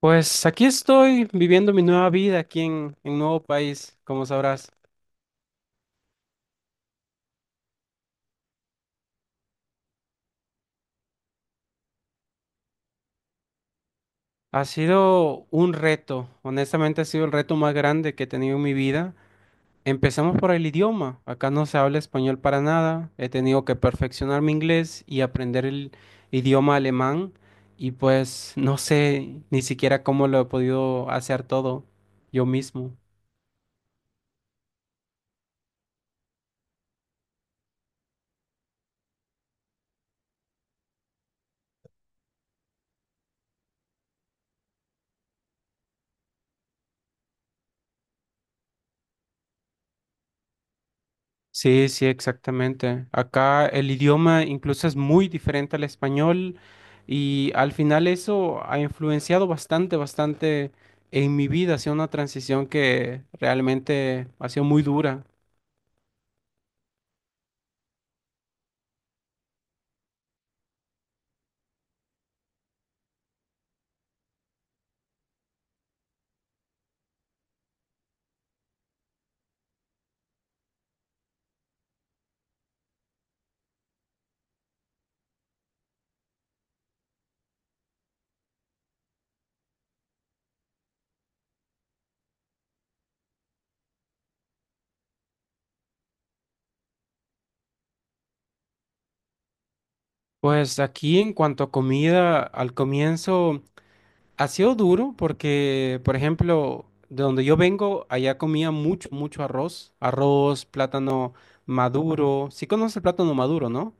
Pues aquí estoy viviendo mi nueva vida aquí en un nuevo país, como sabrás. Ha sido un reto, honestamente ha sido el reto más grande que he tenido en mi vida. Empezamos por el idioma. Acá no se habla español para nada. He tenido que perfeccionar mi inglés y aprender el idioma alemán. Y pues no sé ni siquiera cómo lo he podido hacer todo yo mismo. Sí, sí, exactamente. Acá el idioma incluso es muy diferente al español y al final eso ha influenciado bastante, bastante en mi vida. Ha sido una transición que realmente ha sido muy dura. Pues aquí en cuanto a comida, al comienzo ha sido duro porque, por ejemplo, de donde yo vengo, allá comía mucho, mucho arroz, arroz, plátano maduro. Sí conoces el plátano maduro, ¿no?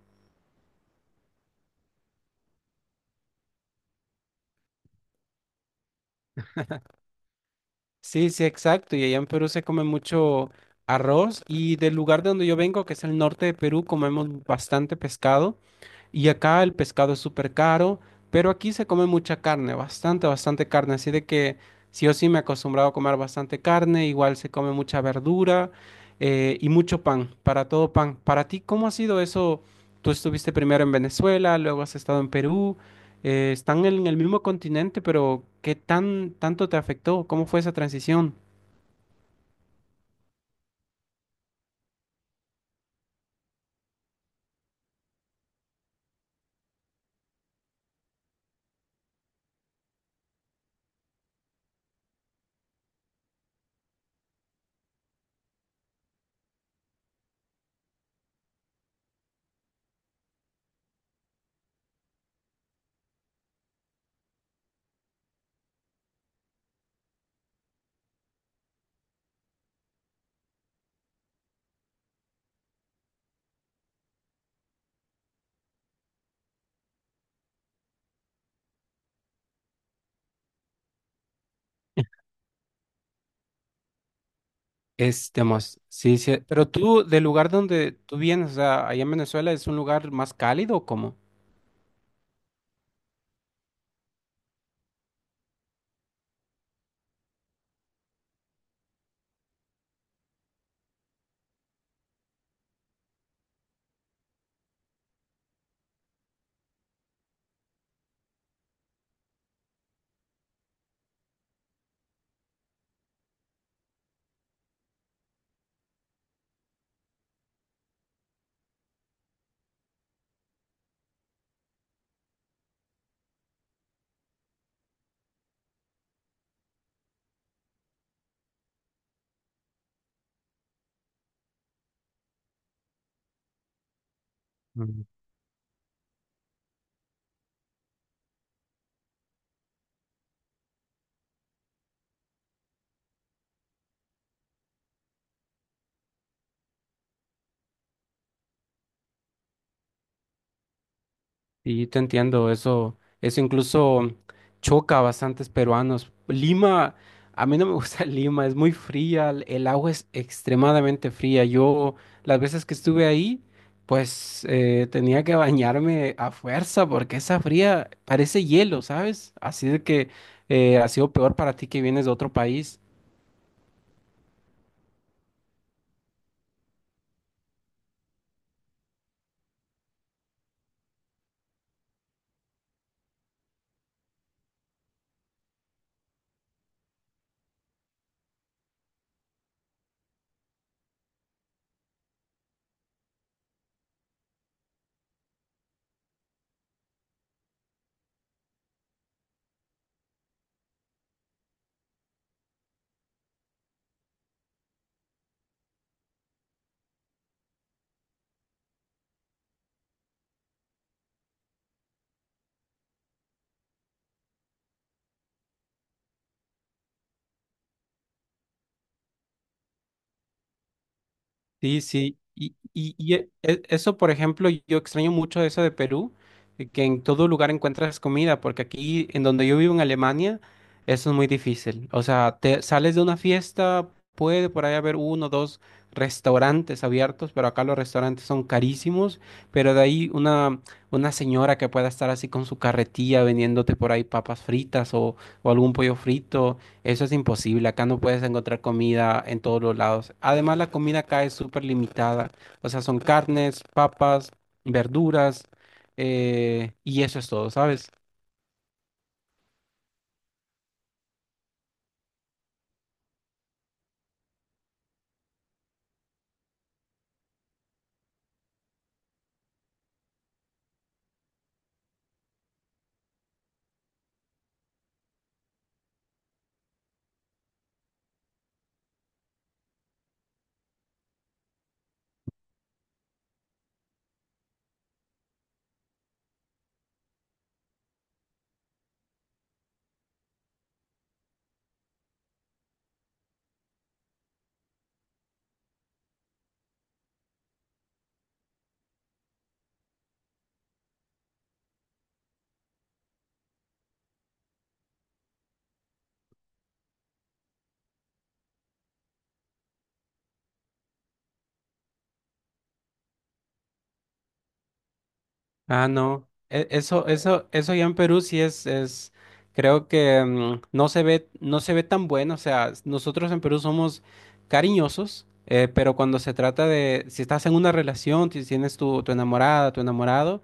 Sí, sí, exacto. Y allá en Perú se come mucho arroz y del lugar de donde yo vengo, que es el norte de Perú, comemos bastante pescado. Y acá el pescado es súper caro, pero aquí se come mucha carne, bastante, bastante carne. Así de que sí o sí me he acostumbrado a comer bastante carne, igual se come mucha verdura, y mucho pan, para todo pan. Para ti, ¿cómo ha sido eso? Tú estuviste primero en Venezuela, luego has estado en Perú, están en el mismo continente, pero ¿qué tanto te afectó? ¿Cómo fue esa transición? Es demás, sí, sí. Pero tú, del lugar donde tú vienes, o sea, allá en Venezuela, ¿es un lugar más cálido o cómo? Y te entiendo, eso incluso choca a bastantes peruanos. Lima, a mí no me gusta Lima, es muy fría, el agua es extremadamente fría. Yo, las veces que estuve ahí, pues tenía que bañarme a fuerza porque esa fría parece hielo, ¿sabes? Así de que ha sido peor para ti que vienes de otro país. Sí, sí, y eso, por ejemplo, yo extraño mucho eso de Perú, que en todo lugar encuentras comida, porque aquí, en donde yo vivo en Alemania, eso es muy difícil. O sea, te sales de una fiesta, puede por ahí haber uno o dos restaurantes abiertos, pero acá los restaurantes son carísimos, pero de ahí una señora que pueda estar así con su carretilla vendiéndote por ahí papas fritas o algún pollo frito. Eso es imposible. Acá no puedes encontrar comida en todos los lados. Además, la comida acá es súper limitada. O sea, son carnes, papas, verduras, y eso es todo, ¿sabes? Ah, no. Eso ya en Perú sí es, creo que no se ve tan bueno. O sea, nosotros en Perú somos cariñosos, pero cuando se trata de, si estás en una relación, si tienes tu enamorada, tu enamorado,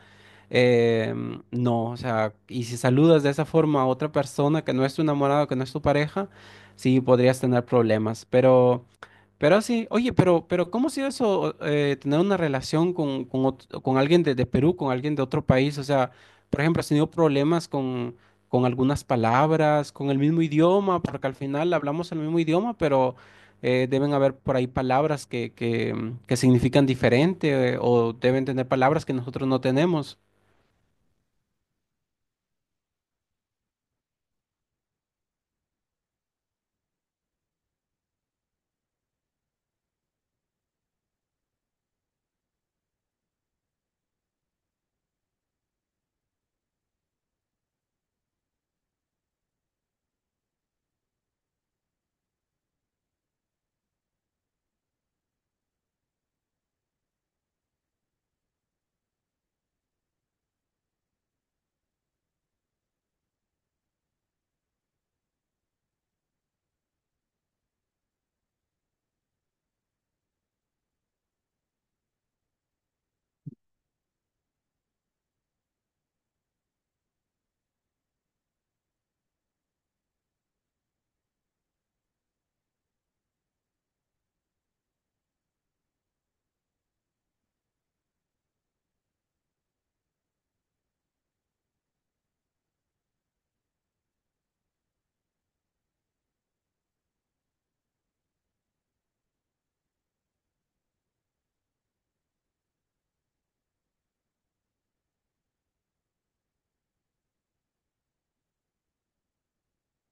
no, o sea, y si saludas de esa forma a otra persona que no es tu enamorado, que no es tu pareja, sí podrías tener problemas. Pero sí, oye, pero ¿cómo ha sido eso, tener una relación con alguien de Perú, con alguien de otro país? O sea, por ejemplo, ¿has tenido problemas con algunas palabras, con el mismo idioma? Porque al final hablamos el mismo idioma, pero deben haber por ahí palabras que significan diferente, o deben tener palabras que nosotros no tenemos.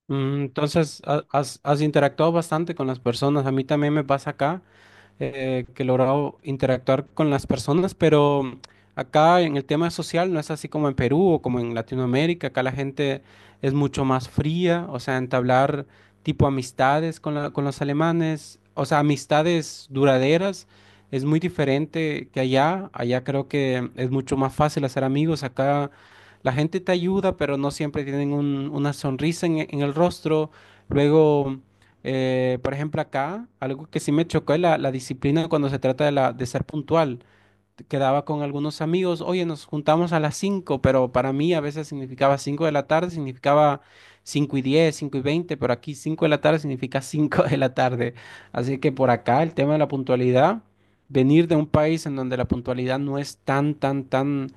Entonces, has interactuado bastante con las personas. A mí también me pasa acá. Que he logrado interactuar con las personas, pero acá en el tema social no es así como en Perú o como en Latinoamérica, acá la gente es mucho más fría, o sea, entablar tipo amistades con los alemanes, o sea, amistades duraderas. Es muy diferente que allá. Allá creo que es mucho más fácil hacer amigos. Acá la gente te ayuda, pero no siempre tienen una sonrisa en el rostro. Luego, por ejemplo, acá algo que sí me chocó es la disciplina cuando se trata de, de ser puntual. Quedaba con algunos amigos, oye, nos juntamos a las 5, pero para mí a veces significaba 5 de la tarde, significaba 5:10, 5:20. Pero aquí 5 de la tarde significa 5 de la tarde. Así que por acá el tema de la puntualidad, venir de un país en donde la puntualidad no es tan, tan, tan,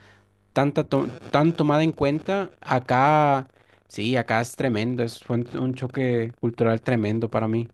tanta, to- tan tomada en cuenta, acá. Sí, acá es tremendo, es fue un choque cultural tremendo para mí.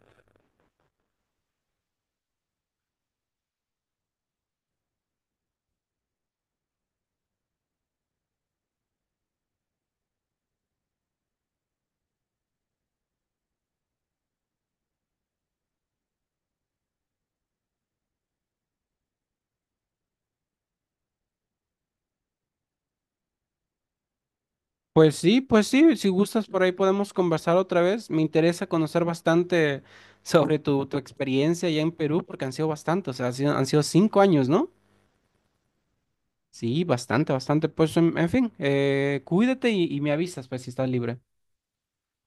Pues sí, si gustas por ahí podemos conversar otra vez. Me interesa conocer bastante sobre tu experiencia allá en Perú, porque han sido bastante, o sea, han sido 5 años, ¿no? Sí, bastante, bastante. Pues en fin, cuídate y me avisas, pues si estás libre.